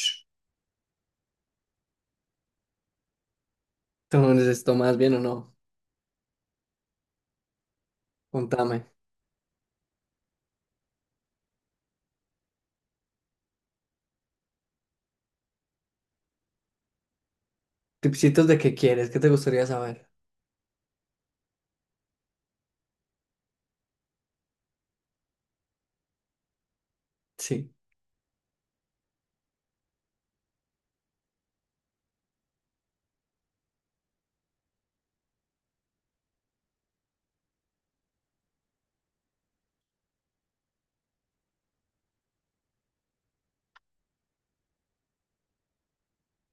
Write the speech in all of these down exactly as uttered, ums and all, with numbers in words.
Sh, ¿Tú no necesitas más bien o no? Contame. Tipsitos de qué quieres, qué te gustaría saber. Sí.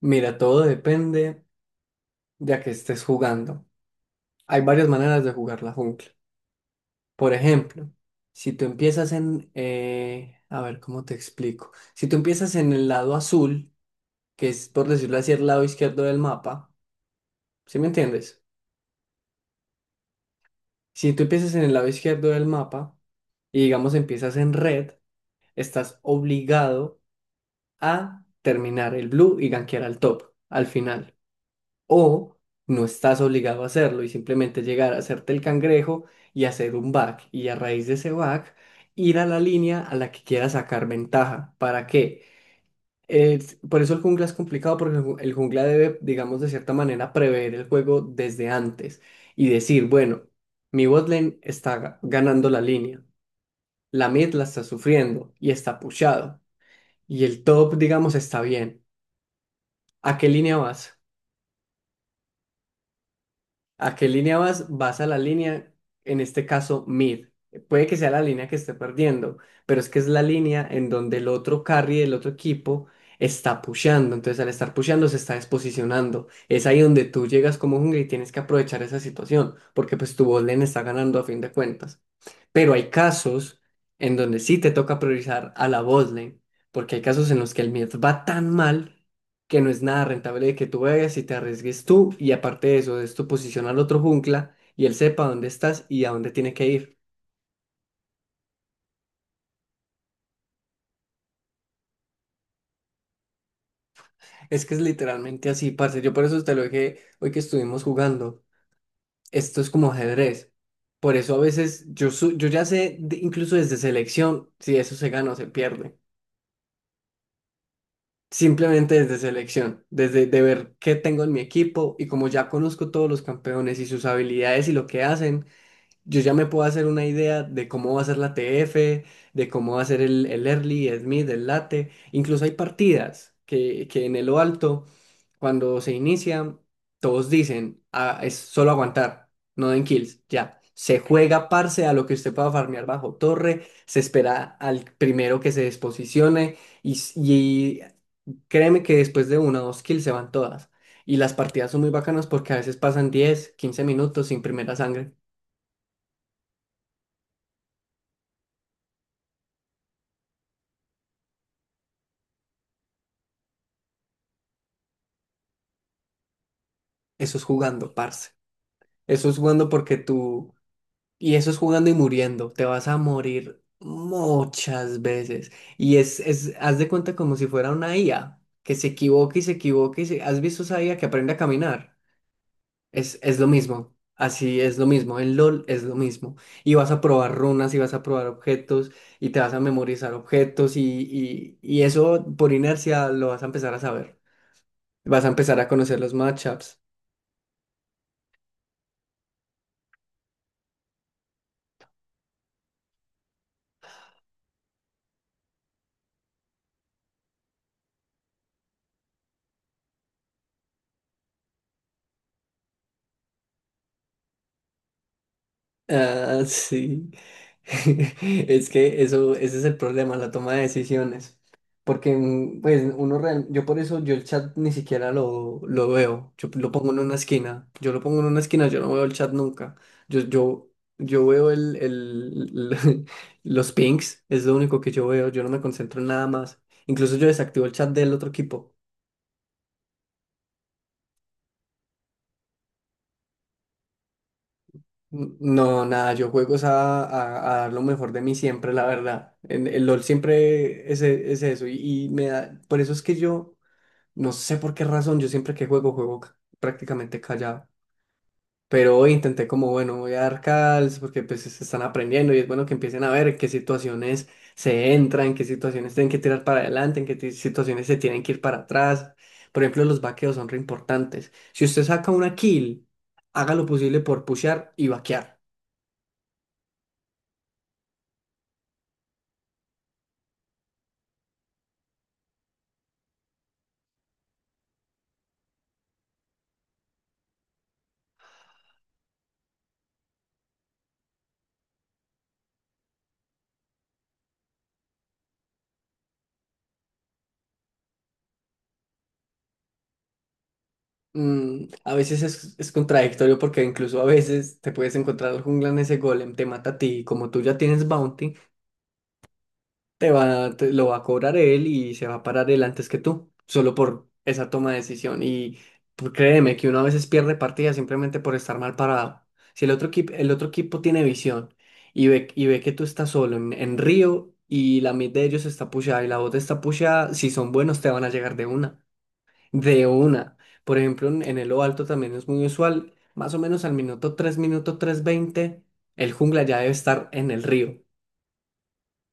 Mira, todo depende de a qué estés jugando. Hay varias maneras de jugar la jungla. Por ejemplo, si tú empiezas en, eh, a ver, ¿cómo te explico? Si tú empiezas en el lado azul, que es, por decirlo así, el lado izquierdo del mapa, ¿sí me entiendes? Si tú empiezas en el lado izquierdo del mapa y digamos empiezas en red, estás obligado a terminar el blue y gankear al top al final. O no estás obligado a hacerlo y simplemente llegar a hacerte el cangrejo y hacer un back. Y a raíz de ese back, ir a la línea a la que quieras sacar ventaja. ¿Para qué? Es- por eso el jungla es complicado porque el ju- el jungla debe, digamos, de cierta manera prever el juego desde antes y decir, bueno, mi bot lane está ga- ganando la línea, la mid la está sufriendo y está pushado y el top, digamos, está bien. ¿A qué línea vas? ¿A qué línea vas? Vas a la línea, en este caso, mid. Puede que sea la línea que esté perdiendo, pero es que es la línea en donde el otro carry del otro equipo está pusheando. Entonces, al estar pusheando, se está desposicionando. Es ahí donde tú llegas como jungla y tienes que aprovechar esa situación, porque pues tu bot lane está ganando a fin de cuentas. Pero hay casos en donde sí te toca priorizar a la botlane, porque hay casos en los que el mid va tan mal que no es nada rentable de que tú vayas y te arriesgues tú, y aparte de eso, es tu posición al otro jungla y él sepa dónde estás y a dónde tiene que ir. Es que es literalmente así, parce. Yo por eso te lo dije hoy que estuvimos jugando. Esto es como ajedrez. Por eso a veces yo, su- yo ya sé, de- incluso desde selección, si eso se gana o se pierde. Simplemente desde selección, desde de ver qué tengo en mi equipo y como ya conozco todos los campeones y sus habilidades y lo que hacen, yo ya me puedo hacer una idea de cómo va a ser la T F, de cómo va a ser el, el early, el mid, el late. Incluso hay partidas que, que en el lo alto, cuando se inicia, todos dicen: "Ah, es solo aguantar, no den kills, ya". Se juega parce a lo que usted pueda farmear bajo torre, se espera al primero que se desposicione. Y, s- y Créeme que después de una o dos kills se van todas. Y las partidas son muy bacanas porque a veces pasan diez, quince minutos sin primera sangre. Eso es jugando, parce. Eso es jugando porque tú... Y eso es jugando y muriendo. Te vas a morir muchas veces. Y es, es, haz de cuenta como si fuera una I A, que se equivoca y se equivoca y se... ¿Has visto esa I A que aprende a caminar? Es, es lo mismo, así es lo mismo, en LOL es lo mismo. Y vas a probar runas y vas a probar objetos y te vas a memorizar objetos y, y, y eso por inercia lo vas a empezar a saber. Vas a empezar a conocer los matchups. Ah, sí. Es que eso, ese es el problema, la toma de decisiones. Porque, mm, pues, uno real- yo por eso yo el chat ni siquiera lo, lo veo. Yo lo pongo en una esquina. Yo lo pongo en una esquina, yo no veo el chat nunca. Yo, yo, yo veo el, el- los pings, es lo único que yo veo. Yo no me concentro en nada más. Incluso yo desactivo el chat del otro equipo. N- No, nada, yo juego es a, a- a dar lo mejor de mí siempre, la verdad. En, el LOL siempre es, e- es eso y, y me da, por eso es que yo, no sé por qué razón, yo siempre que juego, juego ca- prácticamente callado. Pero hoy intenté como, bueno, voy a dar calls porque pues se están aprendiendo y es bueno que empiecen a ver en qué situaciones se entra, en qué situaciones tienen que tirar para adelante, en qué ti- situaciones se tienen que ir para atrás. Por ejemplo, los vaqueos son re importantes. Si usted saca una kill, haga lo posible por pushear y vaquear. Mm, a veces es, es contradictorio porque incluso a veces te puedes encontrar al jungla en ese golem, te mata a ti y como tú ya tienes bounty, te va, te- lo va a cobrar él y se va a parar él antes que tú, solo por esa toma de decisión. Y pues, créeme que uno a veces pierde partidas simplemente por estar mal parado. Si el otro equipo, el otro equipo tiene visión y ve, y ve que tú estás solo en, en Río y la mid de ellos está pushada y la bot está pushada, si son buenos te van a llegar de una. De una. Por ejemplo, en, en Elo Alto también es muy usual. Más o menos al minuto tres, minuto tres veinte el jungla ya debe estar en el río.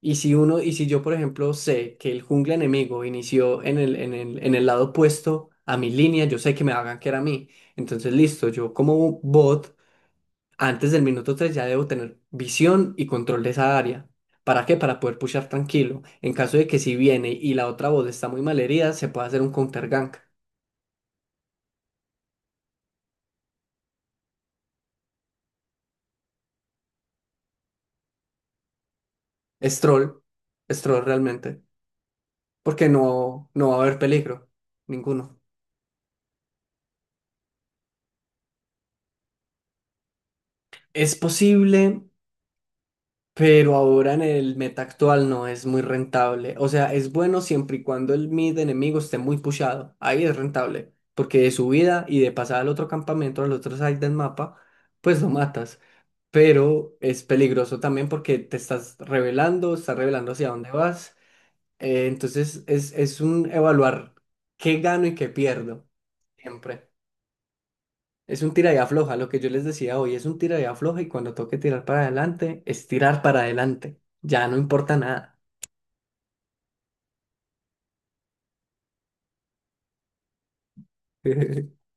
Y si uno, y si yo, por ejemplo, sé que el jungla enemigo inició en el, en el, en el lado opuesto a mi línea, yo sé que me va a gankear a mí. Entonces, listo, yo como bot, antes del minuto tres ya debo tener visión y control de esa área. ¿Para qué? Para poder pushar tranquilo. En caso de que si viene y la otra bot está muy malherida, se puede hacer un counter gank. Es troll, es troll realmente, porque no, no va a haber peligro, ninguno. Es posible, pero ahora en el meta actual no es muy rentable. O sea, es bueno siempre y cuando el mid enemigo esté muy pushado. Ahí es rentable, porque de subida y de pasada al otro campamento, al otro side del mapa, pues lo matas. Pero es peligroso también porque te estás revelando, estás revelando hacia dónde vas. Eh, entonces es, es un evaluar qué gano y qué pierdo, siempre. Es un tira y afloja, lo que yo les decía hoy, es un tira y afloja y cuando toque tirar para adelante, es tirar para adelante, ya no importa nada.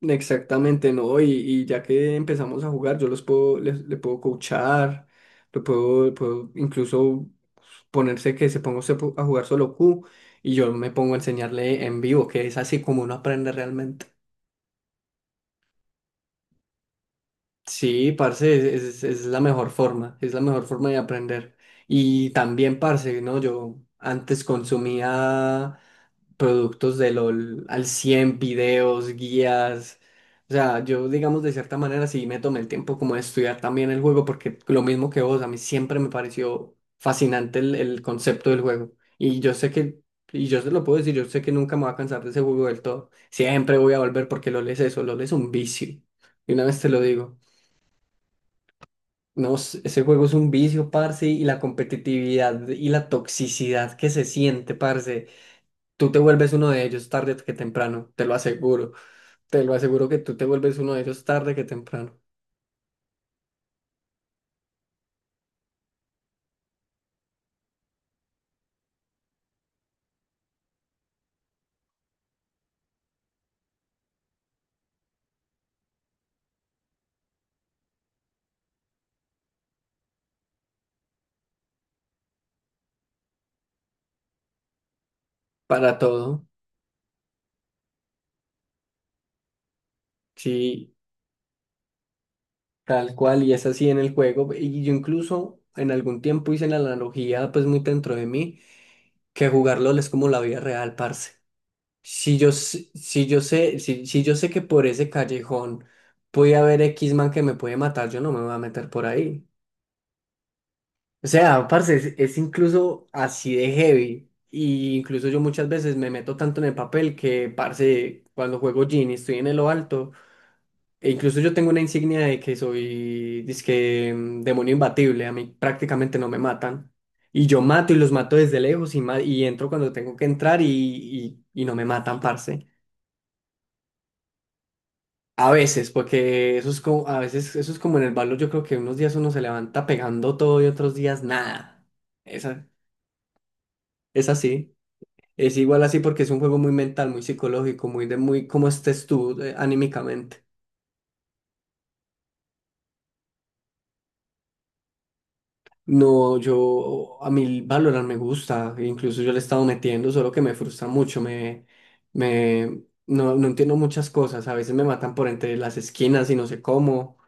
Exactamente, ¿no? Y, y ya que empezamos a jugar, yo los puedo, les, le puedo coachar, lo puedo, puedo incluso ponerse que se ponga usted po- a jugar solo Q y yo me pongo a enseñarle en vivo, que es así como uno aprende realmente. Sí, parce, es, es- es la mejor forma, es la mejor forma de aprender. Y también, parce, ¿no? Yo antes consumía productos de LOL al cien videos, guías. O sea, yo, digamos, de cierta manera sí me tomé el tiempo como de estudiar también el juego, porque lo mismo que vos, a mí siempre me pareció fascinante el, el concepto del juego. Y yo sé que, y yo se lo puedo decir, yo sé que nunca me voy a cansar de ese juego del todo. Siempre voy a volver porque LOL es eso, LOL es un vicio. Y una vez te lo digo. No, s- ese juego es un vicio, parce, y la competitividad y la toxicidad que se siente, parce. Tú te vuelves uno de ellos tarde que temprano, te lo aseguro. Te lo aseguro que tú te vuelves uno de ellos tarde que temprano. Para todo, sí, tal cual, y es así en el juego. Y yo incluso en algún tiempo hice la analogía, pues muy dentro de mí, que jugar LOL es como la vida real, parce. Si yo, s- si yo sé, si, si yo sé que por ese callejón puede haber X man que me puede matar, yo no me voy a meter por ahí. O sea, parce, es, es incluso así de heavy. Y incluso yo muchas veces me meto tanto en el papel que, parce, cuando juego Genie estoy en lo alto. E incluso yo tengo una insignia de que soy, dizque, mm, demonio imbatible. A mí prácticamente no me matan. Y yo mato y los mato desde lejos y, ma- y entro cuando tengo que entrar y, y, y no me matan, parce. A veces, porque eso es como, a veces eso es como en el balón. Yo creo que unos días uno se levanta pegando todo y otros días nada. Esa, es así. Es igual así porque es un juego muy mental, muy psicológico, muy de muy cómo estés tú, eh, anímicamente. No, yo a mí Valorant me gusta, incluso yo le he estado metiendo, solo que me frustra mucho, me, me no, no entiendo muchas cosas, a veces me matan por entre las esquinas y no sé cómo,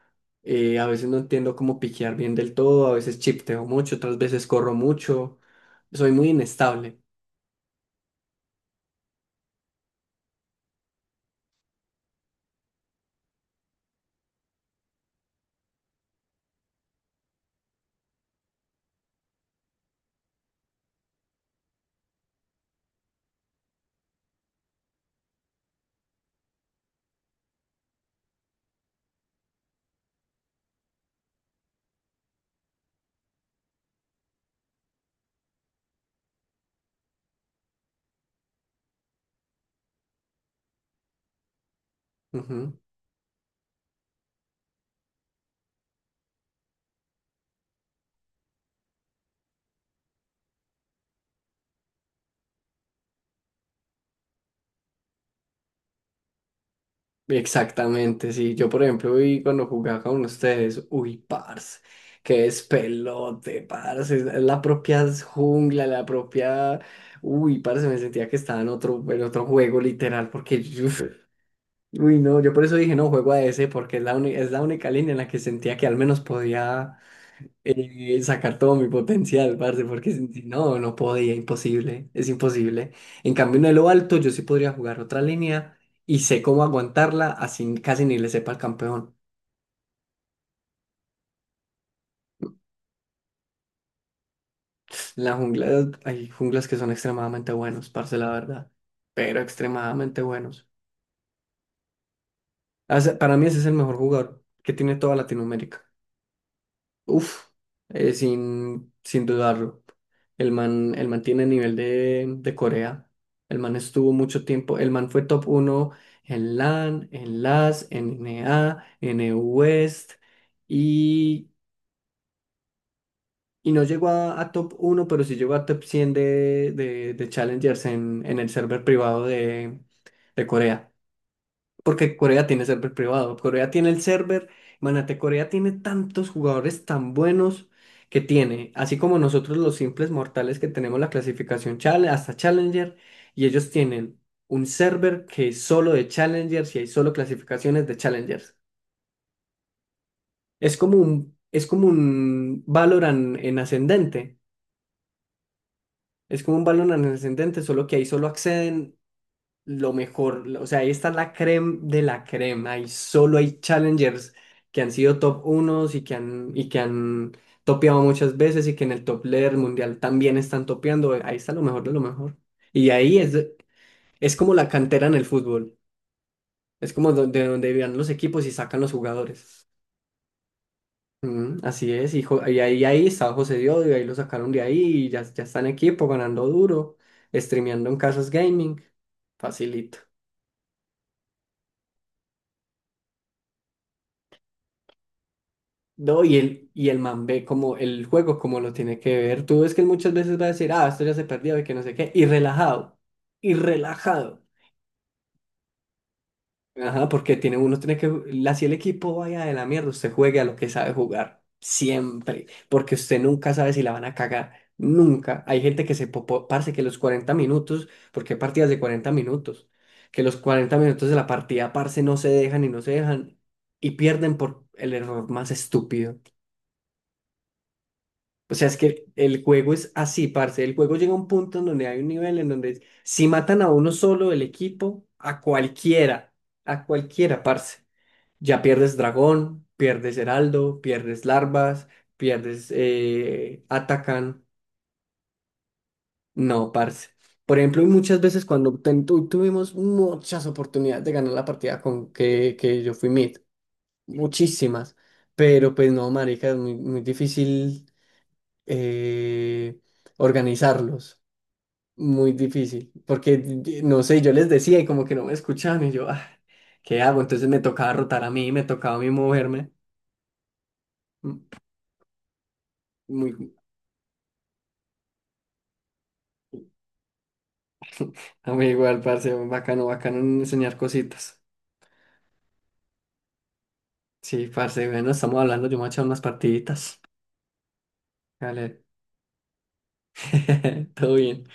eh, a veces no entiendo cómo piquear bien del todo, a veces chipteo mucho, otras veces corro mucho, soy muy inestable. Ujú. Exactamente, sí. Yo, por ejemplo, vi cuando jugaba con ustedes, uy, parce, qué despelote, parce, es la propia jungla, la propia, uy, parce, me sentía que estaba en otro, en otro juego literal, porque, yo- uy, no, yo por eso dije, no, juego a ese, porque es la, uni- es la única línea en la que sentía que al menos podía eh, sacar todo mi potencial, parce, porque si si no, no podía, imposible, es imposible. En cambio, en lo alto yo sí podría jugar otra línea y sé cómo aguantarla, así casi ni le sepa al campeón. En la jungla, hay junglas que son extremadamente buenos, parce, la verdad, pero extremadamente buenos. Hace- Para mí ese es el mejor jugador que tiene toda Latinoamérica. Uf, eh, sin, sin dudarlo. El man, el man tiene nivel de, de Corea. El man estuvo mucho tiempo. El man fue top uno en L A N, en L A S, en N A, en E U west. Y, y no llegó a, a top uno, pero sí llegó a top cien de, de, de Challengers en, en el server privado de, de Corea. Porque Corea tiene server privado, Corea tiene el server, imagínate, Corea tiene tantos jugadores tan buenos que tiene, así como nosotros los simples mortales que tenemos la clasificación chale- hasta Challenger, y ellos tienen un server que es solo de Challengers y hay solo clasificaciones de Challengers. Es como un, es como un Valorant en ascendente, es como un Valorant en ascendente, solo que ahí solo acceden lo mejor, o sea, esta es la creme de la crema y solo hay challengers que han sido top unos y que han, y que han topeado muchas veces y que en el top leader mundial también están topeando, ahí está lo mejor de lo mejor. Y ahí es, es como la cantera en el fútbol, es como do- de donde vivían los equipos y sacan los jugadores. Mm, así es, y, jo- y ahí, ahí estaba José Diodio, y ahí lo sacaron de ahí y ya, ya está en equipo ganando duro, streameando en Casas Gaming, facilito. No, y el, y el man ve como el juego, como lo tiene que ver. Tú ves que él muchas veces va a decir, ah, esto ya se perdió y que no sé qué, y relajado, y relajado. Ajá, porque tiene, uno tiene que, así el equipo vaya de la mierda, usted juegue a lo que sabe jugar, siempre, porque usted nunca sabe si la van a cagar, nunca. Hay gente que se popó, parce, que los cuarenta minutos, porque hay partidas de cuarenta minutos, que los cuarenta minutos de la partida, parce, no se dejan y no se dejan, y pierden por el error más estúpido. O sea, es que el juego es así, parce. El juego llega a un punto en donde hay un nivel en donde si matan a uno solo del equipo, a cualquiera, a cualquiera, parce. Ya pierdes dragón, pierdes heraldo, pierdes larvas, pierdes eh, atacan. No, parce. Por ejemplo, y muchas veces cuando ten- tu- tuvimos muchas oportunidades de ganar la partida con que, que yo fui mid, muchísimas. Pero pues no, marica, es muy, muy difícil eh, organizarlos. Muy difícil, porque di- no sé, yo les decía y como que no me escuchaban y yo, ah, ¿qué hago? Entonces me tocaba rotar a mí, me tocaba a mí moverme. Mm, muy, a mí igual, parce, bacano, bacano enseñar cositas. Sí, parce, bueno, estamos hablando, yo me voy a echar unas partiditas. Vale, todo bien.